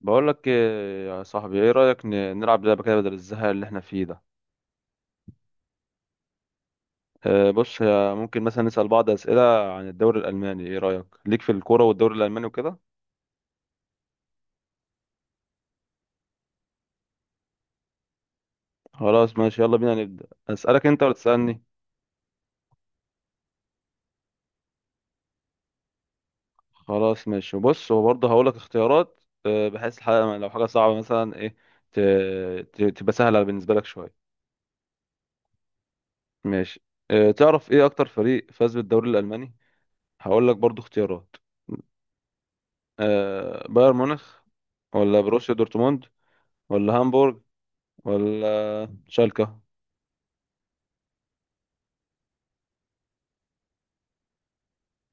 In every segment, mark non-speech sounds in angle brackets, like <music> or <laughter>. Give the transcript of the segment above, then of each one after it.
بقول لك إيه يا صاحبي، ايه رأيك نلعب لعبة كده بدل الزهق اللي احنا فيه ده. بص ممكن مثلا نسأل بعض أسئلة عن الدوري الألماني. ايه رأيك ليك في الكورة والدوري الألماني وكده؟ خلاص ماشي، يلا بينا نبدأ. أسألك انت ولا تسألني؟ خلاص ماشي، وبص وبرضه هقول لك اختيارات. بحيث الحاجة لو حاجة صعبة مثلا ايه ت- تبقى سهلة بالنسبة لك شوية. ماشي. تعرف ايه أكتر فريق فاز بالدوري الألماني؟ هقول لك برضه اختيارات. بايرن ميونخ، ولا بروسيا دورتموند، ولا هامبورغ، ولا شالكة؟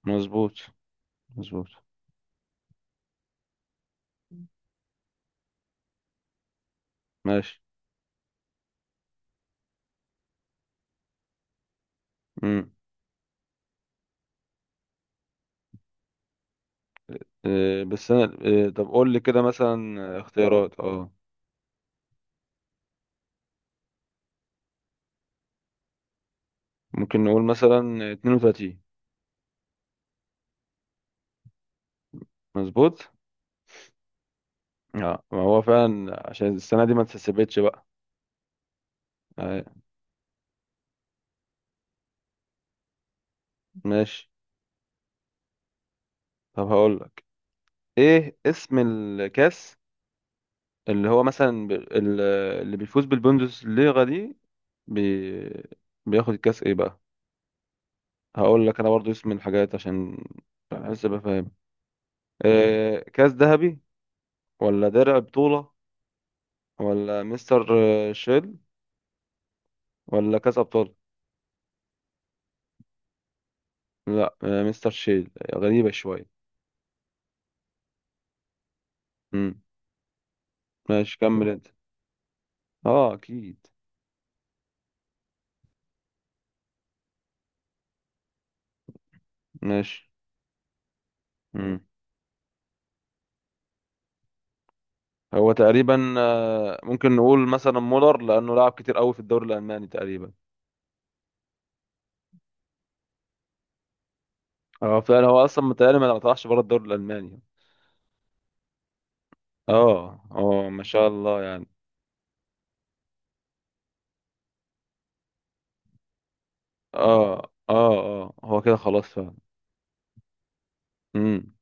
مظبوط، مظبوط. ماشي. امم. إيه بس انا إيه، طب قول لي كده مثلا. اختيارات، اه. ممكن نقول مثلا 32. مظبوط. اه ما هو فعلا عشان السنة دي ما اتسبتش بقى. آه. ماشي. طب هقول لك، ايه اسم الكاس اللي هو مثلا اللي بيفوز بالبوندسليغا دي، بي... بياخد الكاس ايه بقى؟ هقول لك انا برضو اسم الحاجات عشان بحس ابقى فاهم. إيه، كاس ذهبي، ولا درع بطولة، ولا مستر شيل، ولا كاس أبطال؟ لا مستر شيل غريبة شوية. مم. ماشي كمل أنت. اه أكيد. ماشي. مم. هو تقريبا، ممكن نقول مثلا مولر لأنه لعب كتير قوي في الدوري الألماني تقريبا. اه فعلا، هو أصلا متهيألي ما طلعش بره الدوري الألماني. اه اه ما شاء الله يعني. اه اه اه هو كده خلاص فعلا. مم.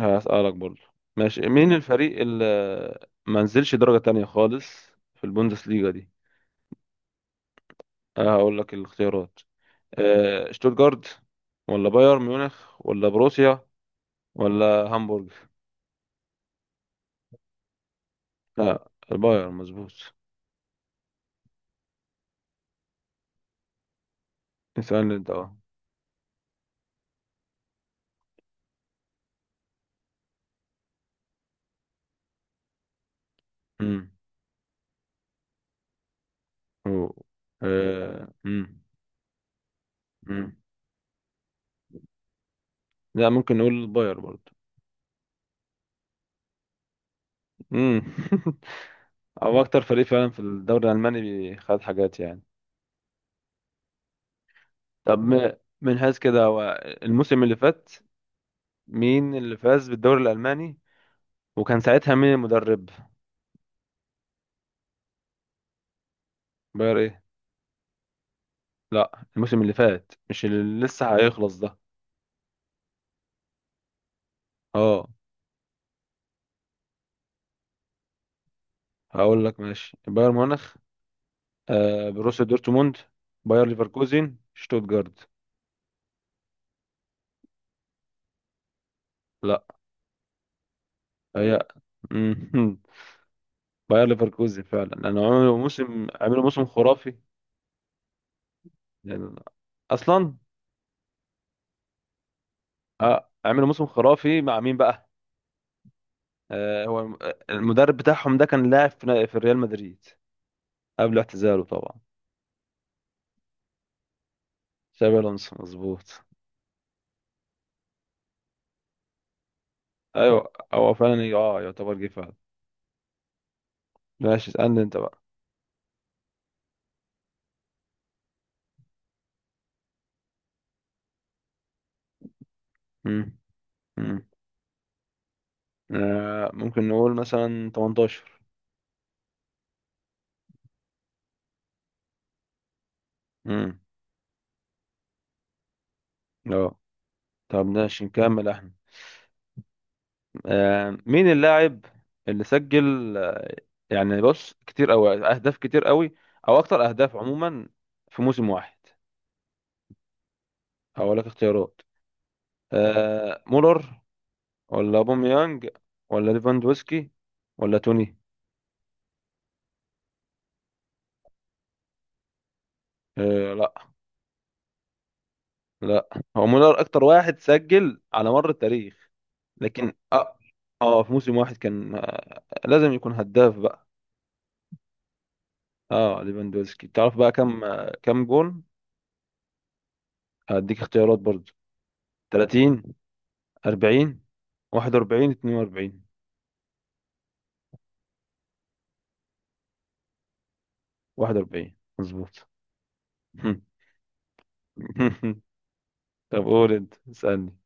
هسألك برضه. ماشي، مين الفريق اللي ما نزلش درجة تانية خالص في البوندسليغا دي؟ أه هقول لك الاختيارات. أه شتوتجارت، ولا بايرن ميونخ، ولا بروسيا، ولا هامبورغ؟ لا البايرن مظبوط. اسألني انت، اه. امم. أوه. أه، امم. امم، لا ممكن نقول البايرن برضه. امم <laughs> هو اكتر فريق فعلا في الدوري الالماني خد حاجات يعني. طب من حيث كده، هو الموسم اللي فات مين اللي فاز بالدوري الألماني، وكان ساعتها مين المدرب؟ باير ايه؟ لا الموسم اللي فات، مش اللي لسه هيخلص ده. اه. هقول لك ماشي، باير ميونخ، آه بروسيا دورتموند، باير ليفركوزن، شتوتجارت. لا. هي. مم. <laughs> باير ليفركوزن فعلا، لأنه عملوا موسم خرافي يعني أصلا. آه عملوا موسم خرافي مع مين بقى؟ آه هو المدرب بتاعهم ده كان لاعب في ريال مدريد قبل اعتزاله طبعا. شابي الونسو مظبوط. ايوه هو فعلا، اه يعتبر جه فعلا. ماشي اسألني انت بقى. مم. مم. آه ممكن نقول مثلا 18. مم. اه طب ماشي نكمل احنا. آه مين اللاعب اللي سجل يعني بص كتير قوي، اهداف كتير قوي او اكتر اهداف عموما في موسم واحد؟ هقول لك اختيارات. آه مولر، ولا اوباميانج، ولا ليفاندوسكي، ولا توني؟ آه لا. لا هو مولر اكتر واحد سجل على مر التاريخ، لكن اه. اه في موسم واحد كان لازم يكون هداف بقى. اه ليفاندوفسكي. تعرف بقى كم كم جون؟ هديك اختيارات برضو. 30، 40، 41، 42. 41 مظبوط. <laughs> طب قول انت اسألني.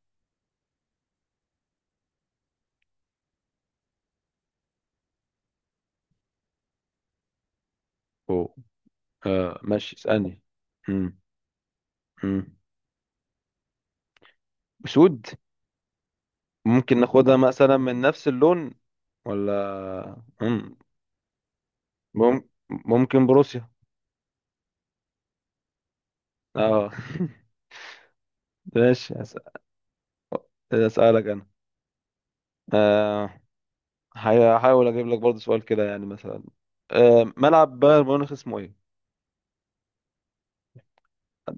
أوه. آه ماشي اسألني. مم. مم. اسود؟ ممكن ناخدها مثلا من نفس اللون. ولا مم. مم. ممكن بروسيا. اه. <laughs> ماشي أسأل. اسألك انا. آه، هحاول اجيب لك برضه سؤال كده يعني مثلا. ملعب بايرن ميونخ اسمه ايه؟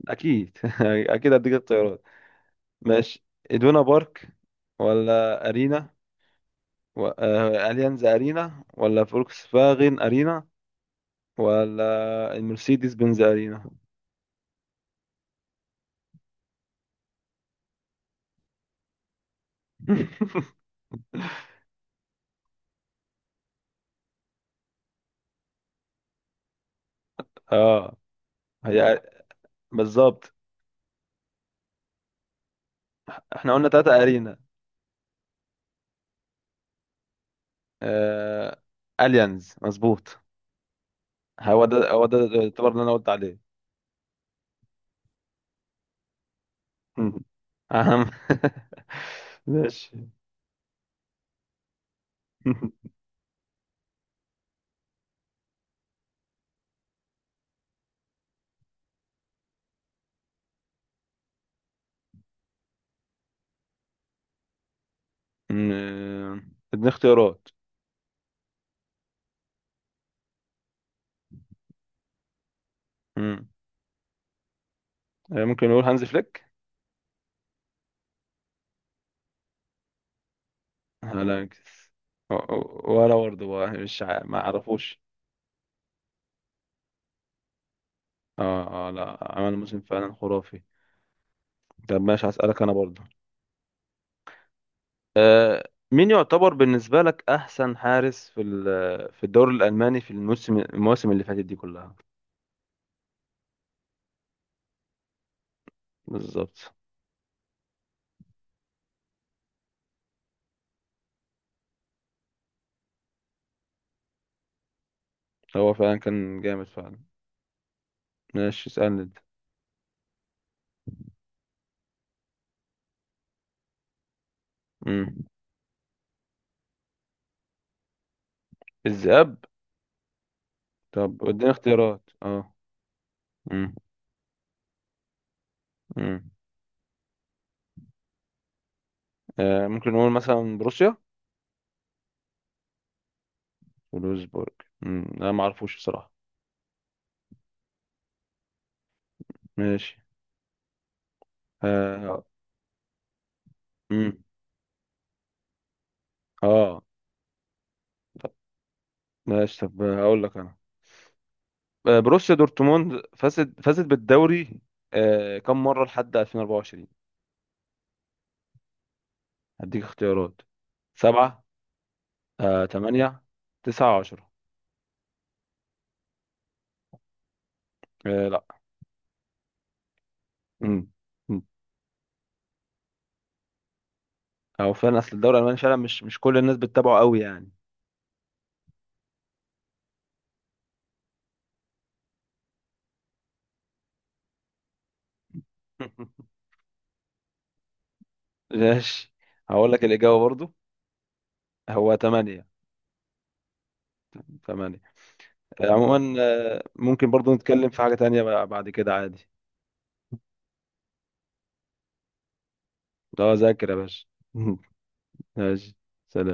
اكيد <laughs> اكيد هديك اختيارات. ماشي. ادونا بارك، ولا ارينا، اليانز ارينا، ولا فولكس فاغن ارينا، ولا المرسيدس بنز ارينا؟ <laughs> اه. هي. بالظبط، احنا قلنا تلاتة ارينا. آه... اليانز مظبوط. هو ده، هو ده يعتبر اللي انا قلت عليه. <laughs> اهم. <laughs> ماشي. مم، اديني اختيارات. مم. ممكن نقول هانز فليك. هلاكس ولا برضه بقى، مش ما اعرفوش. اه اه لا عمل موسم فعلا خرافي. طب ماشي هسألك انا برضه. مين يعتبر بالنسبة لك احسن حارس في في الدوري الالماني في المواسم اللي فاتت دي كلها؟ بالظبط. هو فعلا كان جامد فعلا. ماشي اسألني انت. مم. الذئاب. طب اديني اختيارات اه. مم. مم. ممكن نقول مثلا بروسيا. ولوزبورج. مم. انا ما اعرفوش بصراحه. ماشي. اه. مم. اه. طب ماشي، طب هقول لك انا. بروسيا دورتموند فازت بالدوري آه كم مره لحد 2024؟ هديك اختيارات. سبعة، آه تمانية، تسعة، عشرة. آه لا. مم. مم. او فعلا اصل الدوري الالماني فعلا مش، مش كل الناس بتتابعه قوي يعني. <laughs> ماشي. هقول لك الإجابة برضو. هو تمانية. تمانية. عموما، ممكن برضو نتكلم في حاجة تانية بقى بعد كده عادي. اه ذاكر يا باشا. <laughs> ماشي سلام.